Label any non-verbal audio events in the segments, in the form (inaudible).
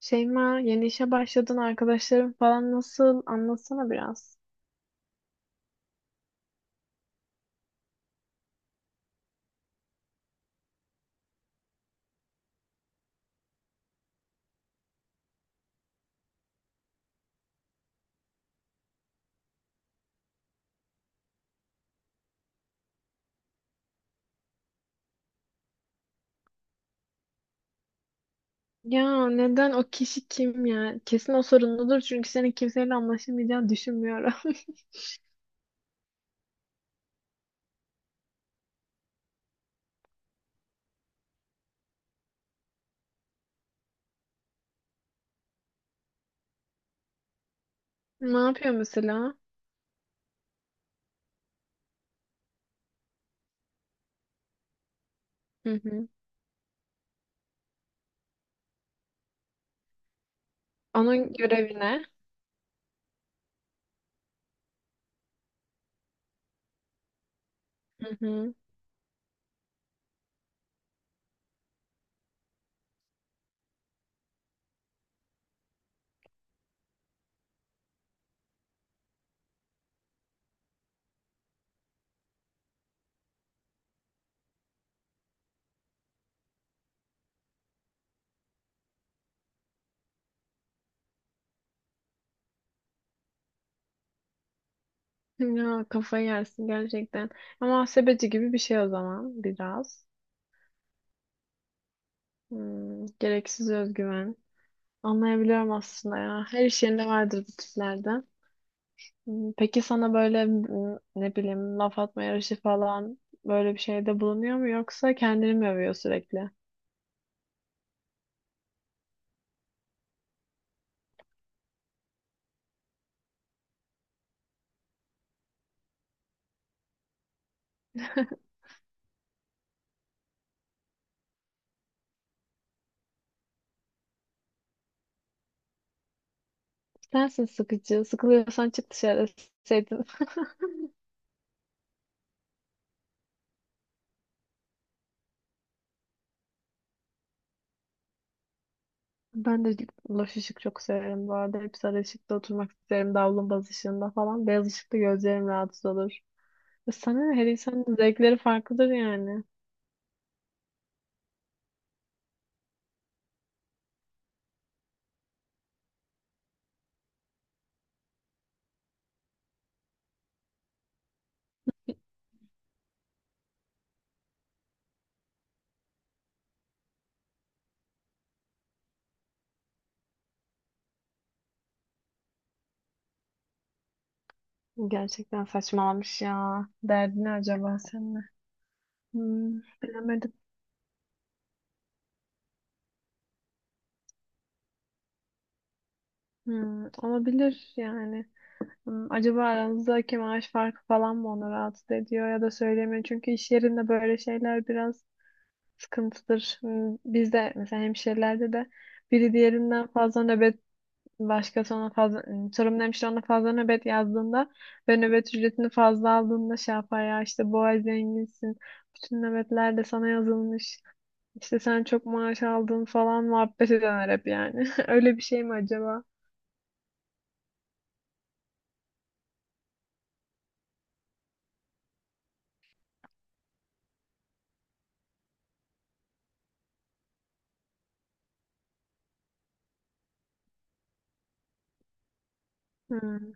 Şeyma, yeni işe başladın arkadaşların falan nasıl? Anlatsana biraz. Ya neden o kişi kim ya? Kesin o sorunludur çünkü senin kimseyle anlaşamayacağını düşünmüyorum. (laughs) Ne yapıyor mesela? Hı hı. Onun görevi ne? Hı hı. Ya kafayı yersin gerçekten. Ama muhasebeci gibi bir şey o zaman biraz. Gereksiz özgüven. Anlayabiliyorum aslında ya. Her iş yerinde vardır bu tiplerde. Peki sana böyle ne bileyim laf atma yarışı falan böyle bir şeyde bulunuyor mu yoksa kendini mi övüyor sürekli? Sensin sıkıcı. Sıkılıyorsan çık dışarı deseydin. (laughs) Ben de loş ışık çok severim bu arada. Hep sarı ışıkta oturmak isterim. Davlumbaz ışığında falan. Beyaz ışıkta gözlerim rahatsız olur. E sana ne? Her insanın zevkleri farklıdır yani. Gerçekten saçmalamış ya. Derdi ne acaba senin? Hmm, Bilemedim. Olabilir yani. Acaba aranızdaki maaş farkı falan mı onu rahatsız ediyor ya da söylemiyor. Çünkü iş yerinde böyle şeyler biraz sıkıntıdır. Bizde mesela hemşirelerde de biri diğerinden fazla nöbet başkası ona fazla, sorumlu hemşire ona fazla nöbet yazdığında ve nöbet ücretini fazla aldığında şey yapar ya, işte bu ay zenginsin. Bütün nöbetler de sana yazılmış. İşte sen çok maaş aldın falan muhabbet eder hep yani. (laughs) Öyle bir şey mi acaba? Hmm.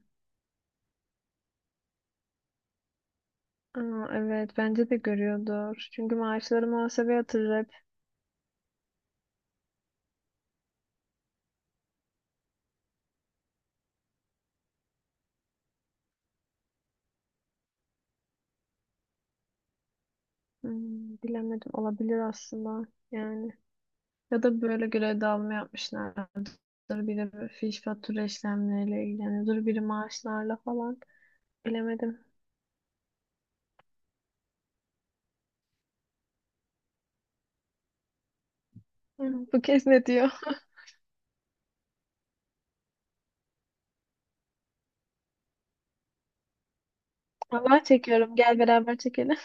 Aa, evet bence de görüyordur. Çünkü maaşları muhasebe yatırır hep. Hmm, Bilemedim, olabilir aslında yani. Ya da böyle görev dağılımı yapmışlardır. Biri böyle fiş fatura işlemleriyle ilgileniyordur. Biri maaşlarla falan. Bilemedim. Bu kez ne diyor? Vallahi çekiyorum. Gel beraber çekelim.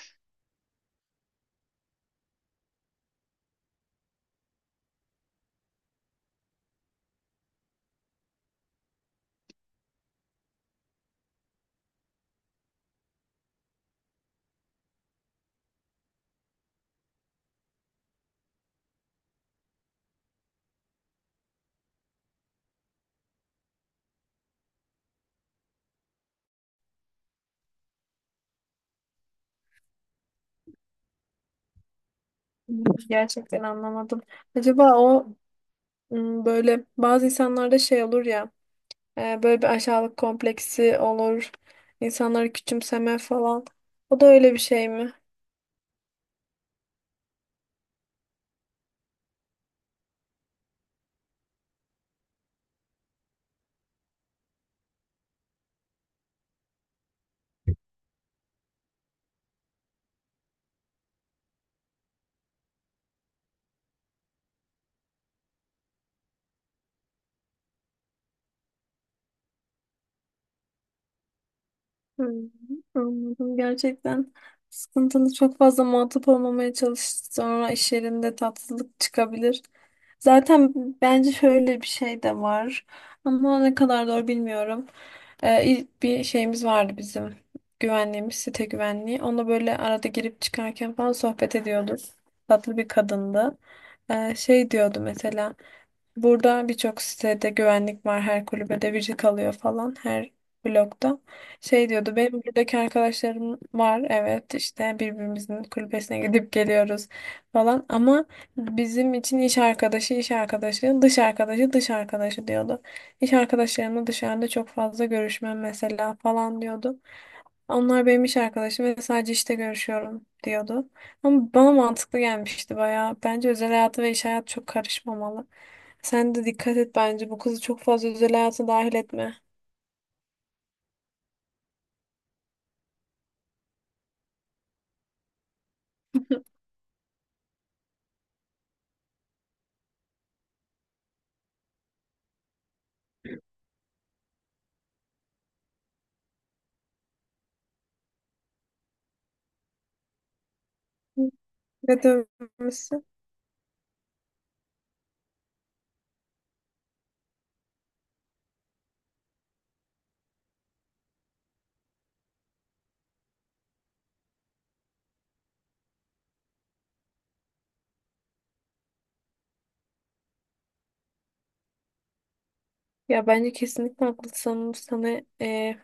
Gerçekten anlamadım. Acaba o, böyle bazı insanlarda şey olur ya, böyle bir aşağılık kompleksi olur. İnsanları küçümseme falan. O da öyle bir şey mi? Hmm, Anladım. Gerçekten sıkıntılı, çok fazla muhatap olmamaya çalış. Sonra iş yerinde tatsızlık çıkabilir. Zaten bence şöyle bir şey de var. Ama ne kadar doğru bilmiyorum. İlk bir şeyimiz vardı bizim. Güvenliğimiz, site güvenliği. Onunla böyle arada girip çıkarken falan sohbet ediyorduk. Tatlı bir kadındı. Şey diyordu mesela. Burada birçok sitede güvenlik var. Her kulübede biri kalıyor falan. Her blokta. Şey diyordu, benim buradaki arkadaşlarım var, evet işte birbirimizin kulübesine gidip geliyoruz falan, ama bizim için iş arkadaşı iş arkadaşı, dış arkadaşı dış arkadaşı, diyordu. İş arkadaşlarımla dışarıda çok fazla görüşmem mesela falan diyordu. Onlar benim iş arkadaşım ve sadece işte görüşüyorum diyordu. Ama bana mantıklı gelmişti bayağı. Bence özel hayatı ve iş hayatı çok karışmamalı. Sen de dikkat et, bence bu kızı çok fazla özel hayata dahil etme. (laughs) Ne dönmüşsün? Ya bence kesinlikle haklısın. Sana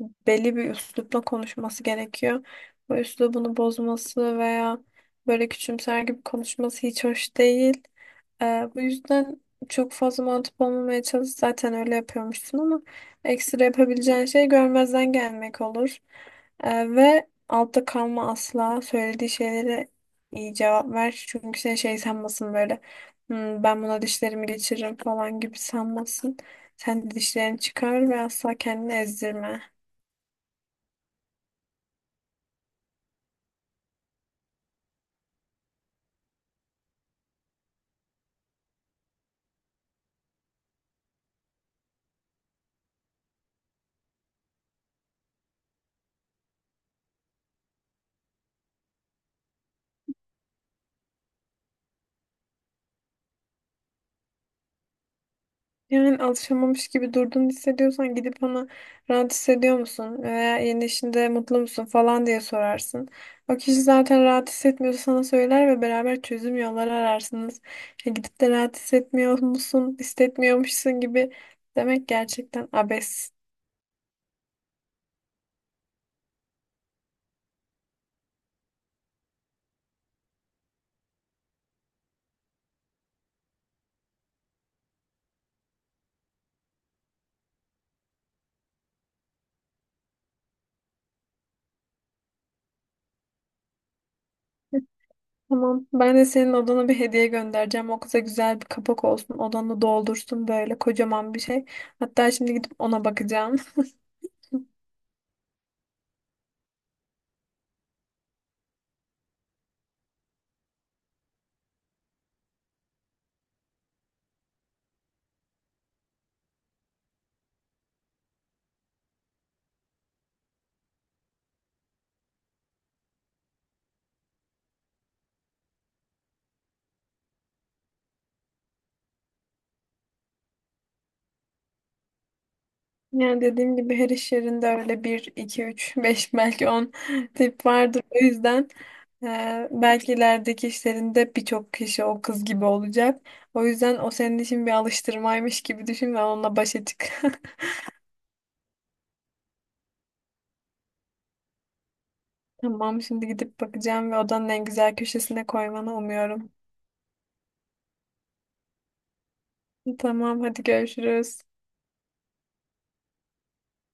belli bir üslupla konuşması gerekiyor. Bu üslubunu bozması veya böyle küçümser gibi konuşması hiç hoş değil. Bu yüzden çok fazla mantıp olmamaya çalış. Zaten öyle yapıyormuşsun, ama ekstra yapabileceğin şey görmezden gelmek olur. Ve altta kalma asla. Söylediği şeylere iyi cevap ver. Çünkü seni şey sanmasın böyle. Ben buna dişlerimi geçiririm" falan gibi sanmasın. Sen de dişlerini çıkar ve asla kendini ezdirme. Yani alışamamış gibi durduğunu hissediyorsan gidip ona, rahat hissediyor musun veya yeni işinde mutlu musun falan diye sorarsın. O kişi zaten rahat hissetmiyorsa sana söyler ve beraber çözüm yolları ararsınız. Ya gidip de rahat hissetmiyor musun, hissetmiyormuşsun gibi demek gerçekten abes. (laughs) Tamam. Ben de senin odana bir hediye göndereceğim. O kıza güzel bir kapak olsun. Odanı doldursun böyle kocaman bir şey. Hatta şimdi gidip ona bakacağım. (laughs) Yani dediğim gibi her iş yerinde öyle bir 2 3 (laughs) 5 belki 10 tip vardır. O yüzden belki ilerideki işlerinde birçok kişi o kız gibi olacak. O yüzden o senin için bir alıştırmaymış gibi düşün ve onunla başa çık. (laughs) Tamam, şimdi gidip bakacağım ve odanın en güzel köşesine koymanı umuyorum. Tamam, hadi görüşürüz.